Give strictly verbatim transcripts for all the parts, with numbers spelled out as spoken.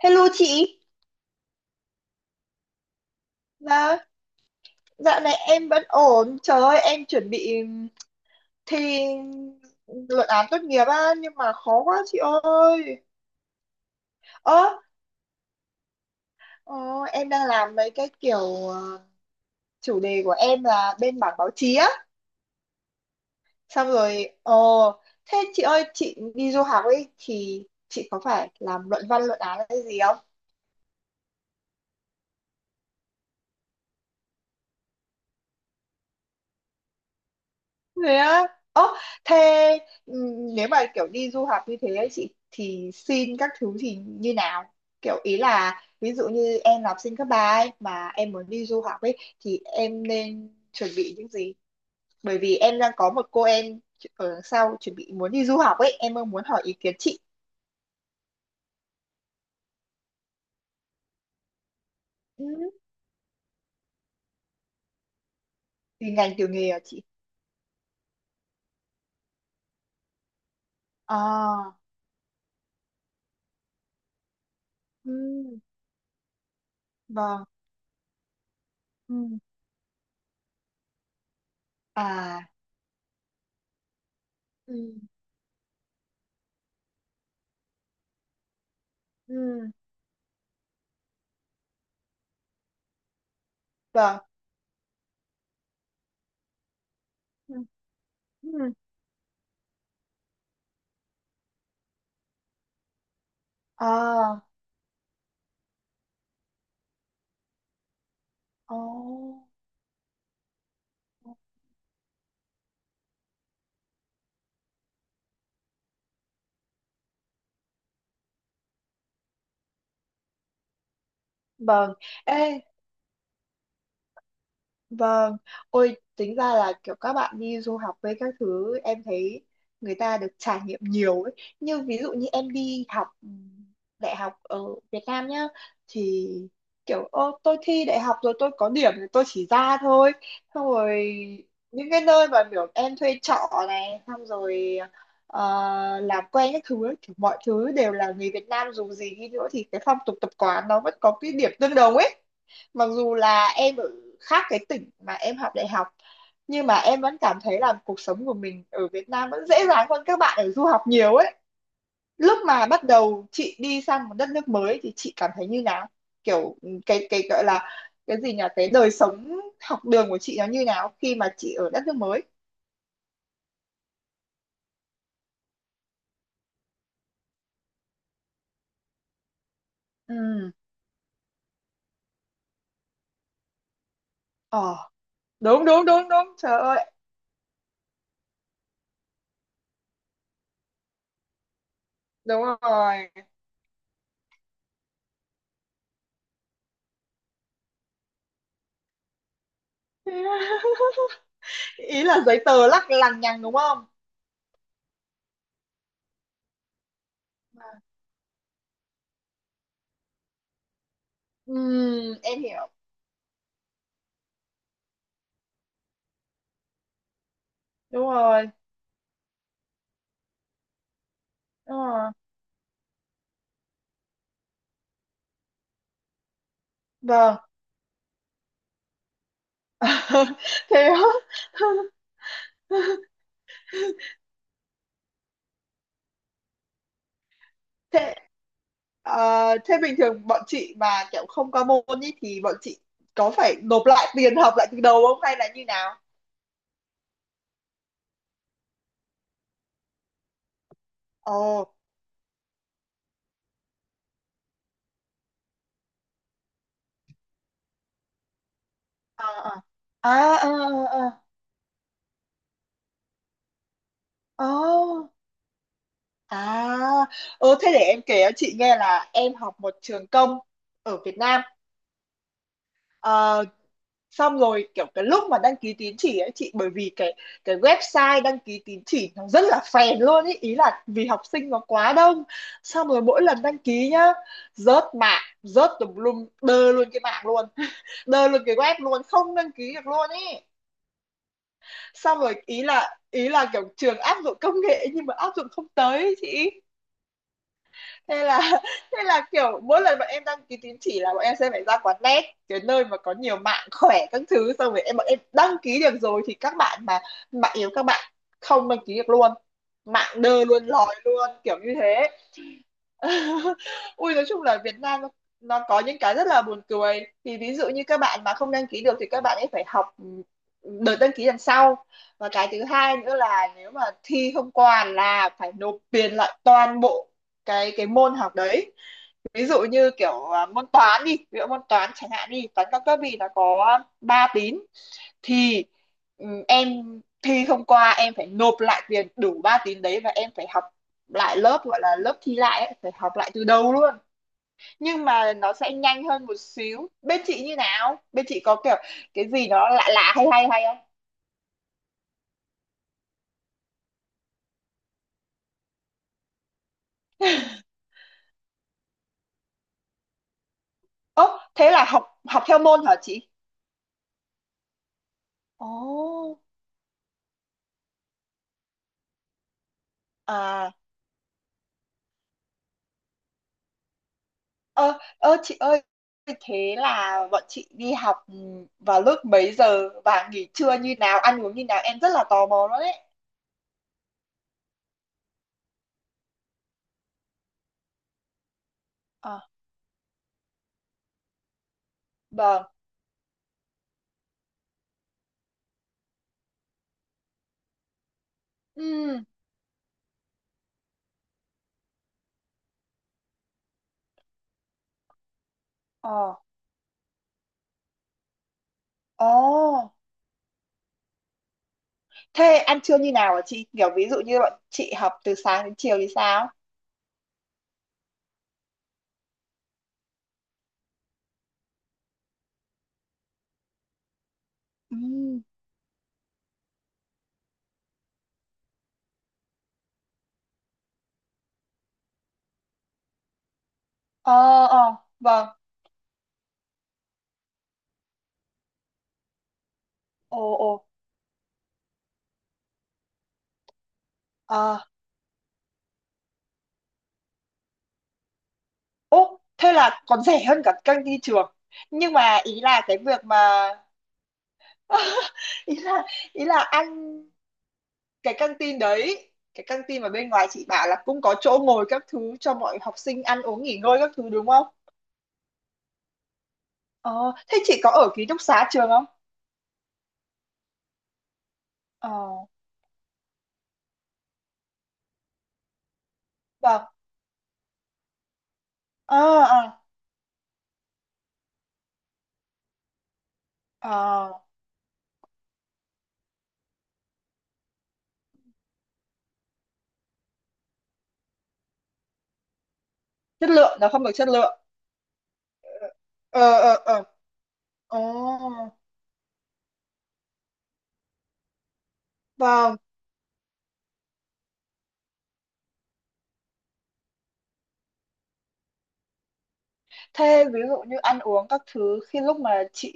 Hello chị, dạ, dạo này em vẫn ổn, trời ơi em chuẩn bị thi luận án tốt nghiệp á, nhưng mà khó quá chị ơi. Ơ, ờ, em đang làm mấy cái kiểu ờ, chủ đề của em là bên mảng báo chí á, xong rồi, ờ, thế chị ơi chị đi du học ấy thì chị có phải làm luận văn luận án hay gì? Thế á. Ơ, thế ừm, nếu mà kiểu đi du học như thế ấy, chị thì xin các thứ thì như nào? Kiểu ý là ví dụ như em là học sinh cấp ba ấy mà em muốn đi du học ấy thì em nên chuẩn bị những gì? Bởi vì em đang có một cô em ở đằng sau chuẩn bị muốn đi du học ấy, em mong muốn hỏi ý kiến chị. Ừ. Vì ngành tiểu nghề à chị? À. Ừ. Vâng. Ừ. À. Ừ. Ừ, vâng. Ừ. Ừ. À. Oh. Vâng. Ê. Vâng, ôi tính ra là kiểu các bạn đi du học với các thứ em thấy người ta được trải nghiệm nhiều ấy. Như ví dụ như em đi học ừm, đại học ở Việt Nam nhá, thì kiểu ô tôi thi đại học rồi tôi có điểm thì tôi chỉ ra thôi. Xong rồi những cái nơi mà kiểu em thuê trọ này xong rồi ờ, làm quen các thứ ấy, kiểu mọi thứ đều là người Việt Nam, dù gì đi nữa thì cái phong tục tập quán nó vẫn có cái điểm tương đồng ấy, mặc dù là em ở khác cái tỉnh mà em học đại học, nhưng mà em vẫn cảm thấy là cuộc sống của mình ở Việt Nam vẫn dễ dàng hơn các bạn ở du học nhiều ấy. Lúc mà bắt đầu chị đi sang một đất nước mới thì chị cảm thấy như nào? Kiểu cái cái gọi là cái gì nhỉ, cái đời sống học đường của chị nó như nào khi mà chị ở đất nước mới? Ừ. Ờ, đúng đúng đúng đúng, trời ơi. Đúng rồi. Ý là giấy tờ lắc lằng nhằng đúng không? Ừ. Em hiểu. Đúng rồi. Đúng rồi. Vâng. Thế á? Thế ờ, thế bình thường bọn chị mà kiểu không qua môn ý, thì bọn chị có phải nộp lại tiền học lại từ đầu không hay là như nào? Ồ. À à. À à. À. À. À. Ờ, thế để em kể cho chị nghe là em học một trường công ở Việt Nam. Ờ, xong rồi kiểu cái lúc mà đăng ký tín chỉ ấy chị, bởi vì cái cái website đăng ký tín chỉ nó rất là phèn luôn ý, ý là vì học sinh nó quá đông, xong rồi mỗi lần đăng ký nhá rớt mạng rớt tùm lum, đơ luôn cái mạng luôn đơ luôn cái web luôn, không đăng ký được luôn ý. Xong rồi ý là ý là kiểu trường áp dụng công nghệ nhưng mà áp dụng không tới ý chị. Thế là thế là kiểu mỗi lần bọn em đăng ký tín chỉ là bọn em sẽ phải ra quán net, cái nơi mà có nhiều mạng khỏe các thứ, xong rồi em bọn em đăng ký được rồi thì các bạn mà mạng yếu các bạn không đăng ký được luôn, mạng đơ luôn lòi luôn kiểu như thế. Ui, nói chung là Việt Nam nó, nó có những cái rất là buồn cười. Thì ví dụ như các bạn mà không đăng ký được thì các bạn ấy phải học ừ, đợt đăng ký lần sau. Và cái thứ hai nữa là nếu mà thi không qua là phải nộp tiền lại toàn bộ cái cái môn học đấy. Ví dụ như kiểu à, môn toán đi, ví dụ môn toán chẳng hạn đi, toán cao cấp thì nó có ba tín. Thì ừ, em thi không qua em phải nộp lại tiền đủ ba tín đấy và em phải học lại lớp gọi là lớp thi lại ấy, phải học lại từ đầu luôn. Nhưng mà nó sẽ nhanh hơn một xíu. Bên chị như nào, bên chị có kiểu cái gì nó lạ lạ hay hay hay không? Ố thế là học học theo môn hả chị? Ồ. À. Ơ ơ chị ơi, thế là bọn chị đi học ừ, vào lúc mấy giờ và nghỉ trưa như nào, ăn uống như nào, em rất là tò mò đó đấy. À. Vâng. Ừ. Ờ, ồ. Thế ăn trưa như nào hả chị? Kiểu ví dụ như bọn chị học từ sáng đến chiều thì sao? Ừ. Ờ, ờ, vâng. Ồ, ồ. Ờ. Ồ, thế là còn rẻ hơn cả căng đi trường. Nhưng mà ý là cái việc mà... ý là ý là ăn cái căng tin đấy, cái căng tin mà bên ngoài chị bảo là cũng có chỗ ngồi các thứ cho mọi học sinh ăn uống nghỉ ngơi các thứ đúng không? Ờ, thế chị có ở ký túc xá trường không? Ờ, vâng. Ờ, ờ, ờ. Chất lượng nó không được chất lượng. Ờ ờ ờ. Ồ. Vâng. Thế ví dụ như ăn uống các thứ khi lúc mà chị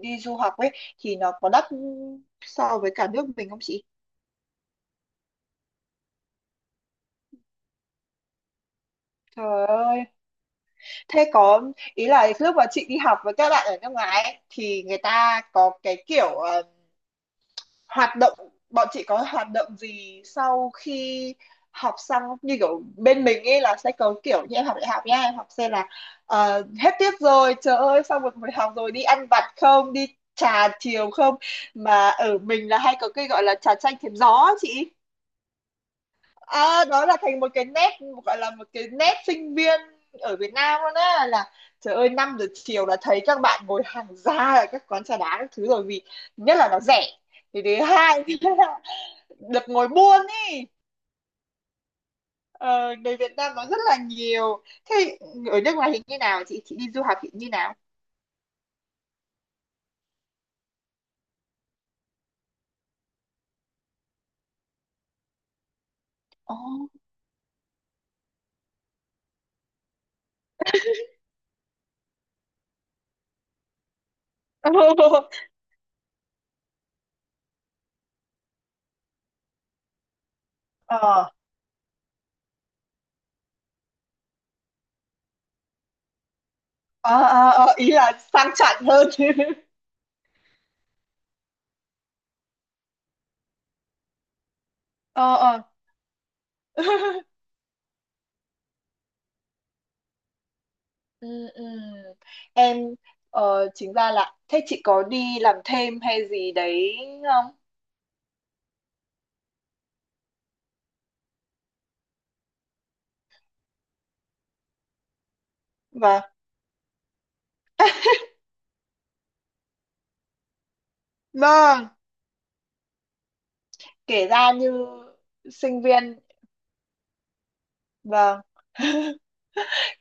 đi du học ấy thì nó có đắt so với cả nước mình không chị? Trời ơi. Thế có. Ý là lúc mà chị đi học với các bạn ở nước ngoài ấy, thì người ta có cái kiểu ờ, hoạt động, bọn chị có hoạt động gì sau khi học xong, như kiểu bên mình ấy là sẽ có kiểu như em học đại học nha, em học xem là ờ, hết tiết rồi trời ơi xong một buổi học rồi đi ăn vặt không, đi trà chiều không, mà ở mình là hay có cái gọi là trà chanh thềm gió á chị. À, đó là thành một cái nét, gọi là một cái nét sinh viên ở Việt Nam luôn á, là trời ơi năm giờ chiều là thấy các bạn ngồi hàng ra ở các quán trà đá các thứ rồi, vì nhất là nó rẻ, thì thứ hai được ngồi buôn ý. Ờ, người Việt Nam nó rất là nhiều. Thế ở nước ngoài thì như nào chị chị đi du học thì như nào? Ồ. Ờ ờ ờ. Ờ, ý là sang chảnh hơn. Ờ ờ. Ừ, ừ. Em ờ, chính ra là thế chị có đi làm thêm hay gì đấy không? Vâng. Vâng. Kể ra như sinh viên. Vâng.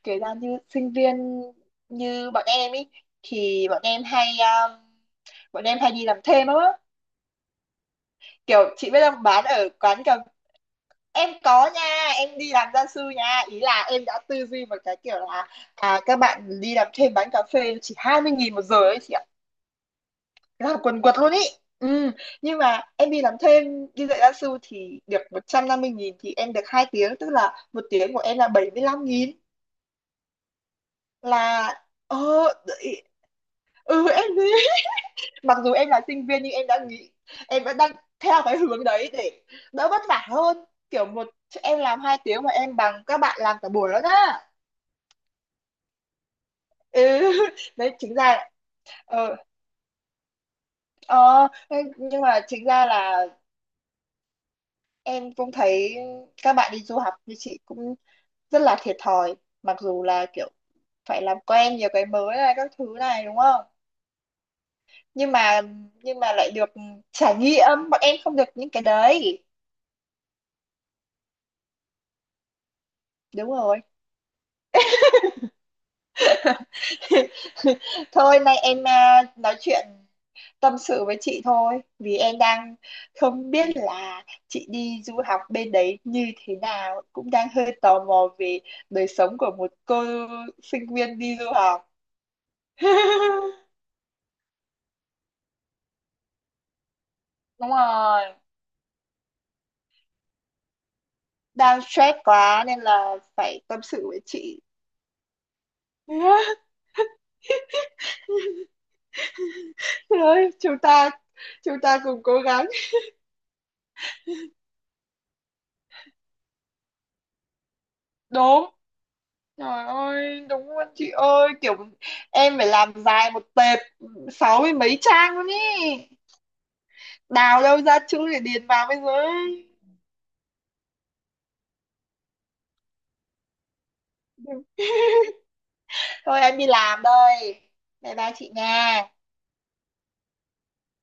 Kể ra như sinh viên như bọn em ý thì bọn em hay um, bọn em hay đi làm thêm lắm á, kiểu chị biết không, bán ở quán cà, em có nha, em đi làm gia sư nha, ý là em đã tư duy một cái kiểu là à các bạn đi làm thêm bán cà phê chỉ hai mươi nghìn một giờ ấy chị ạ, làm quần quật luôn ý. Ừ. Nhưng mà em đi làm thêm đi dạy gia sư thì được một trăm năm mươi nghìn thì em được hai tiếng, tức là một tiếng của em là bảy mươi lăm nghìn, là ờ đấy. Ừ em mặc dù em là sinh viên nhưng em đã nghĩ em vẫn đang theo cái hướng đấy để đỡ vất vả hơn, kiểu một em làm hai tiếng mà em bằng các bạn làm cả buổi đó nhá. Ừ. Đấy chính ra ờ, ờ, nhưng mà chính ra là em cũng thấy các bạn đi du học như chị cũng rất là thiệt thòi, mặc dù là kiểu phải làm quen nhiều cái mới này các thứ này đúng không, nhưng mà nhưng mà lại được trải nghiệm bọn em không được những cái đấy. Đúng rồi. Thôi nay em à, nói chuyện tâm sự với chị thôi vì em đang không biết là chị đi du học bên đấy như thế nào, cũng đang hơi tò mò về đời sống của một cô sinh viên đi du học. Đúng rồi, đang stress quá nên là phải tâm sự với chị. Rồi, chúng ta chúng ta cùng cố gắng. Đúng. Trời ơi, đúng luôn chị ơi, kiểu em phải làm dài một tệp sáu mươi mấy trang luôn ý. Đào đâu ra chữ để điền vào bây giờ ấy. Thôi em đi làm đây. Bye bye chị nha.